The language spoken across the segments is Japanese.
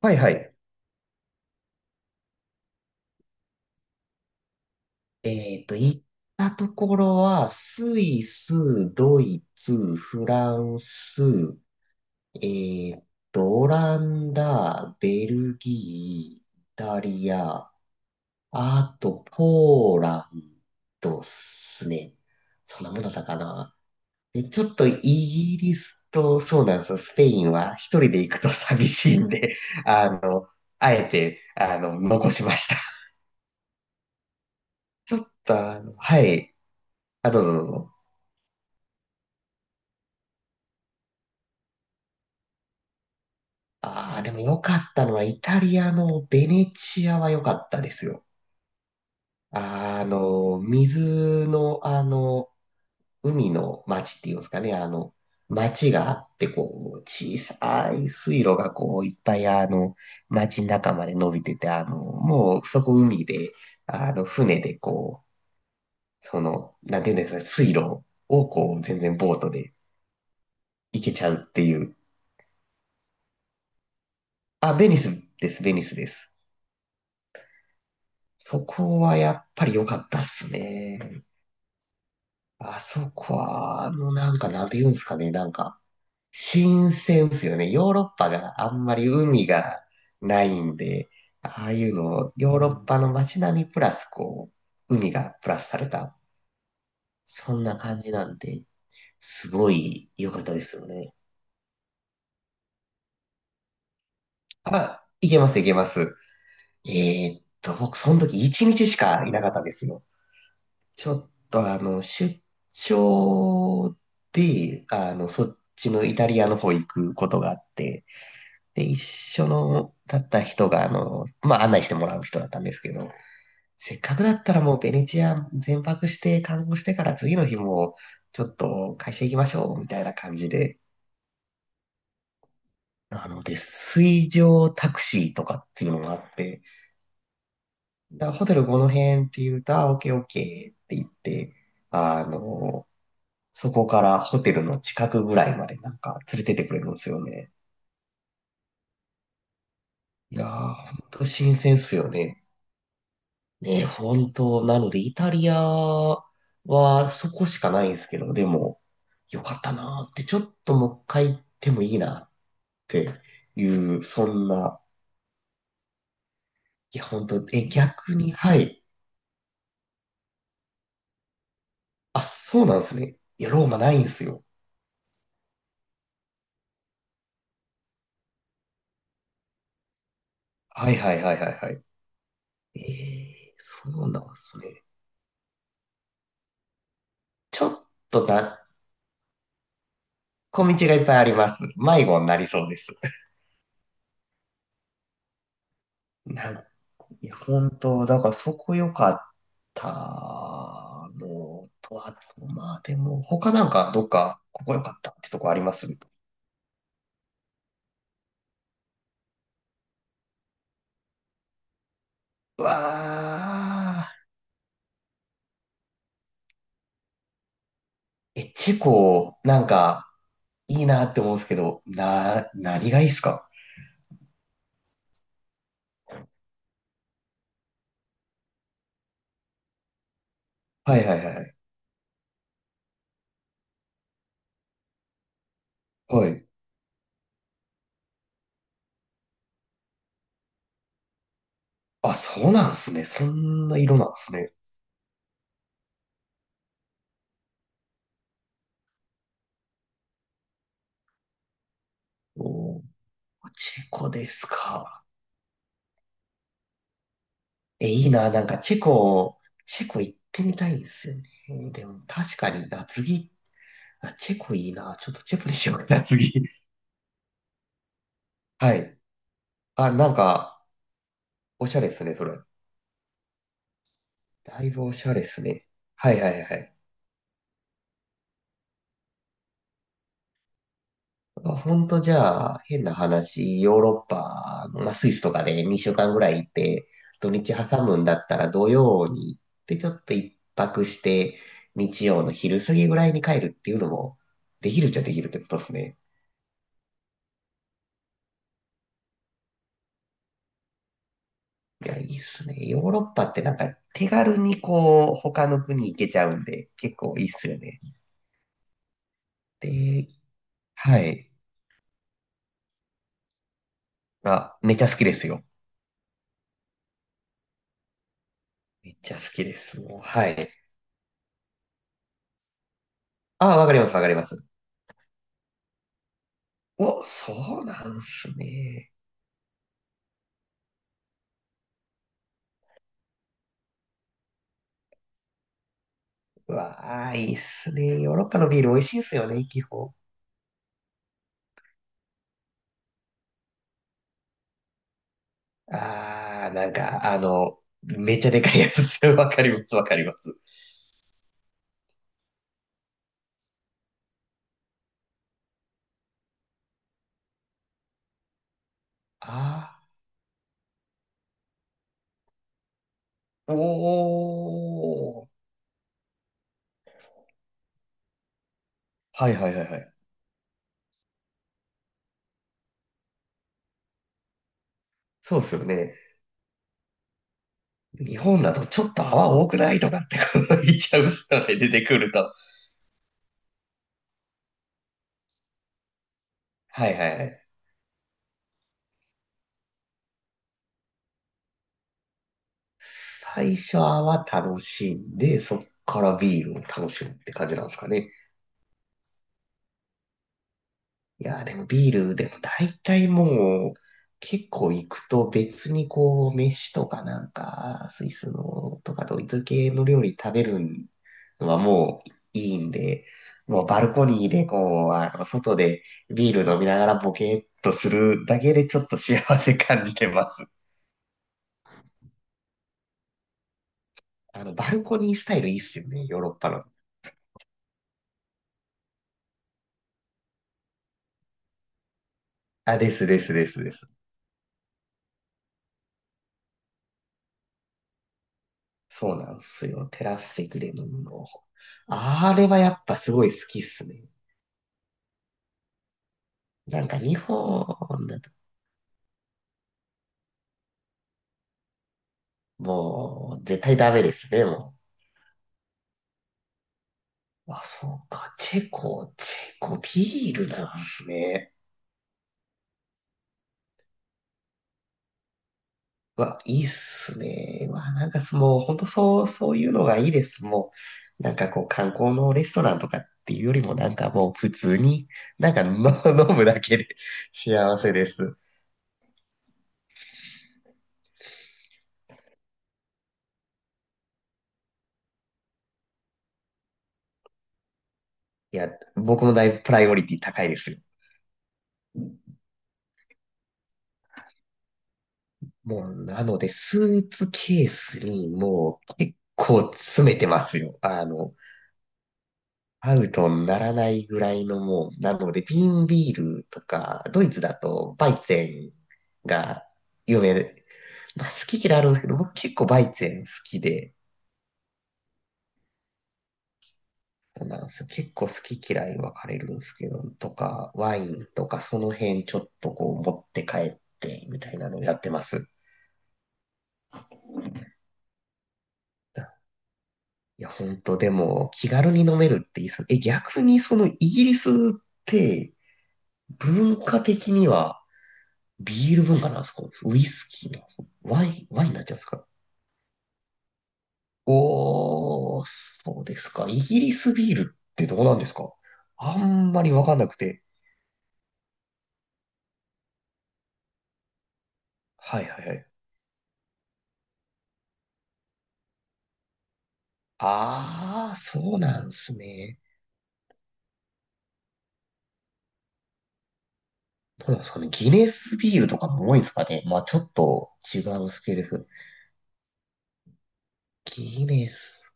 はいはい。行ったところは、スイス、ドイツ、フランス、えっオランダ、ベルギー、イタリア、あと、ポーランドっすね。そんなものだったかな。で、ちょっとイギリスと、そうなんですよ、スペインは一人で行くと寂しいんで、あの、あえて、残しました。ちょっと、はい。あ、どうぞどうぞ。ああ、でも良かったのは、イタリアのベネチアは良かったですよ。水の、海の町っていうんですかね、町があって、こう、小さい水路がこう、いっぱい、町の中まで伸びてて、もう、そこ海で、船でこう、その、なんていうんですかね、水路をこう、全然ボートで行けちゃうっていう。あ、ベニスです、ベニスです。そこはやっぱり良かったっすね。あそこは、なんか、なんて言うんですかね。なんか、新鮮っすよね。ヨーロッパがあんまり海がないんで、ああいうの、ヨーロッパの街並みプラス、こう、海がプラスされた、そんな感じなんで、すごい良かったですよね。あ、いけます、いけます。僕、その時1日しかいなかったんですよ。ちょっと出張で、そっちのイタリアの方行くことがあって、で、一緒の、だった人が、まあ、案内してもらう人だったんですけど、せっかくだったらもうベネチア全泊して観光してから次の日も、ちょっと会社行きましょう、みたいな感じで、で、水上タクシーとかっていうのがあって、だからホテルこの辺って言うと、あ、オッケーオッケーって言って、あの、そこからホテルの近くぐらいまでなんか連れてってくれるんですよね。いやー、ほんと新鮮っすよね。ね、本当なので、イタリアはそこしかないんですけど、でも、よかったなーって、ちょっともう一回行ってもいいなっていう、そんな、いや、本当逆に、はい。あ、そうなんですね。いや、ローマないんですよ。はいはいはいはいはい。えー、そうなんですね。ちょっとな、小道がいっぱいあります。迷子になりそうです。な、いや、本当、だからそこ良かったのと、あと、まあでも、他なんかどっか、ここ良かったってとこありますう？わー。え、チェコ、なんか、いいなって思うんですけど、何がいいっすか？はいはいはい。はい。あ、そうなんすね。そんな色なんすね。おー、チェコですか。え、いいな。なんかチェコ行ってみたいんですよね。でも、確かに、夏着っあ、チェコいいな。ちょっとチェコにしようかな、次。はい。あ、なんか、おしゃれですね、それ。だいぶおしゃれですね。はいはいはい。まあほんとじゃあ、変な話、ヨーロッパの、まあ、スイスとかで2週間ぐらい行って、土日挟むんだったら土曜に行って、ちょっと一泊して、日曜の昼過ぎぐらいに帰るっていうのも、できるっちゃできるってことですね。いや、いいっすね。ヨーロッパってなんか手軽にこう、他の国行けちゃうんで、結構いいっすよね。で、はい。あ、めっちゃ好きですよ。めっちゃ好きです。もう、はい。あ、わかります、わかります。お、そうなんすね。うわあ、いいっすね。ヨーロッパのビール美味しいっすよね、基本。ああなんか、めっちゃでかいやつっすよ。わかります、わかります。ああおー。はいはいはいはい。そうっすよね。日本だとちょっと泡多くないとかってこう言っちゃうっすよね、出てくると。はいはいはい。最初は楽しんで、そっからビールを楽しむって感じなんですかね。いやー、でもビール、でも大体もう、結構行くと別にこう、飯とかなんか、スイスのとかドイツ系の料理食べるのはもういいんで、もうバルコニーでこう、外でビール飲みながらボケっとするだけでちょっと幸せ感じてます。バルコニースタイルいいっすよね、ヨーロッパの。あ、ですですですです。そうなんですよ。テラス席で飲むの。あれはやっぱすごい好きっすね。なんか日本だと、もう絶対ダメですね、もう。あ、そうか。チェコビールなんすね。うわ、いいっすね。うわ、なんかそもう本当そう、そういうのがいいです。もう、なんかこう観光のレストランとかっていうよりもなんかもう普通に、なんかの 飲むだけで幸せです。いや、僕のだいぶプライオリティ高いですよ。もう、なので、スーツケースにもう結構詰めてますよ。アウトにならないぐらいのもう、なので、ビーンビールとか、ドイツだとバイゼンが有名で、まあ好き嫌いあるんですけど、僕結構バイゼン好きで、そうなんですよ。結構好き嫌い分かれるんですけど、とか、ワインとか、その辺ちょっとこう持って帰って、みたいなのやってます。いや、ほんと、でも、気軽に飲めるっていいっすね。え、逆にそのイギリスって、文化的にはビール文化なんですか？ウイスキーなんですか？ワインになっちゃうんですか？おー、そうですか。イギリスビールってどうなんですか？あんまりわかんなくて。はいはいはい。あー、そうなんですね。どうなんですかね。ギネスビールとかも多いんですかね。まあちょっと違うんですけれど。ギネス。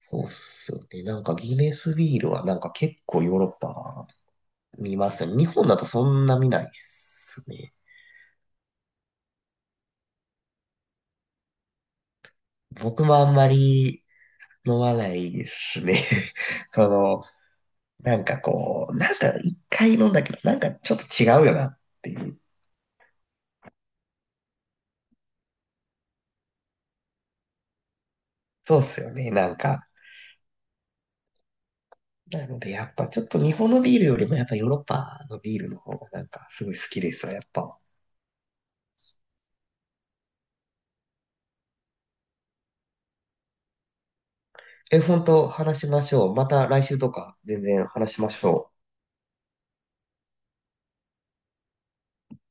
そうっすよね。なんかギネスビールはなんか結構ヨーロッパ見ますね。日本だとそんな見ないっすね。僕もあんまり飲まないですね。その、なんかこう、なんか一回飲んだけど、なんかちょっと違うよなっていう。そうっすよね。なんか。なのでやっぱちょっと日本のビールよりもやっぱヨーロッパのビールの方がなんかすごい好きですわ、やっぱ。え、本当話しましょう。また来週とか全然話しましょう。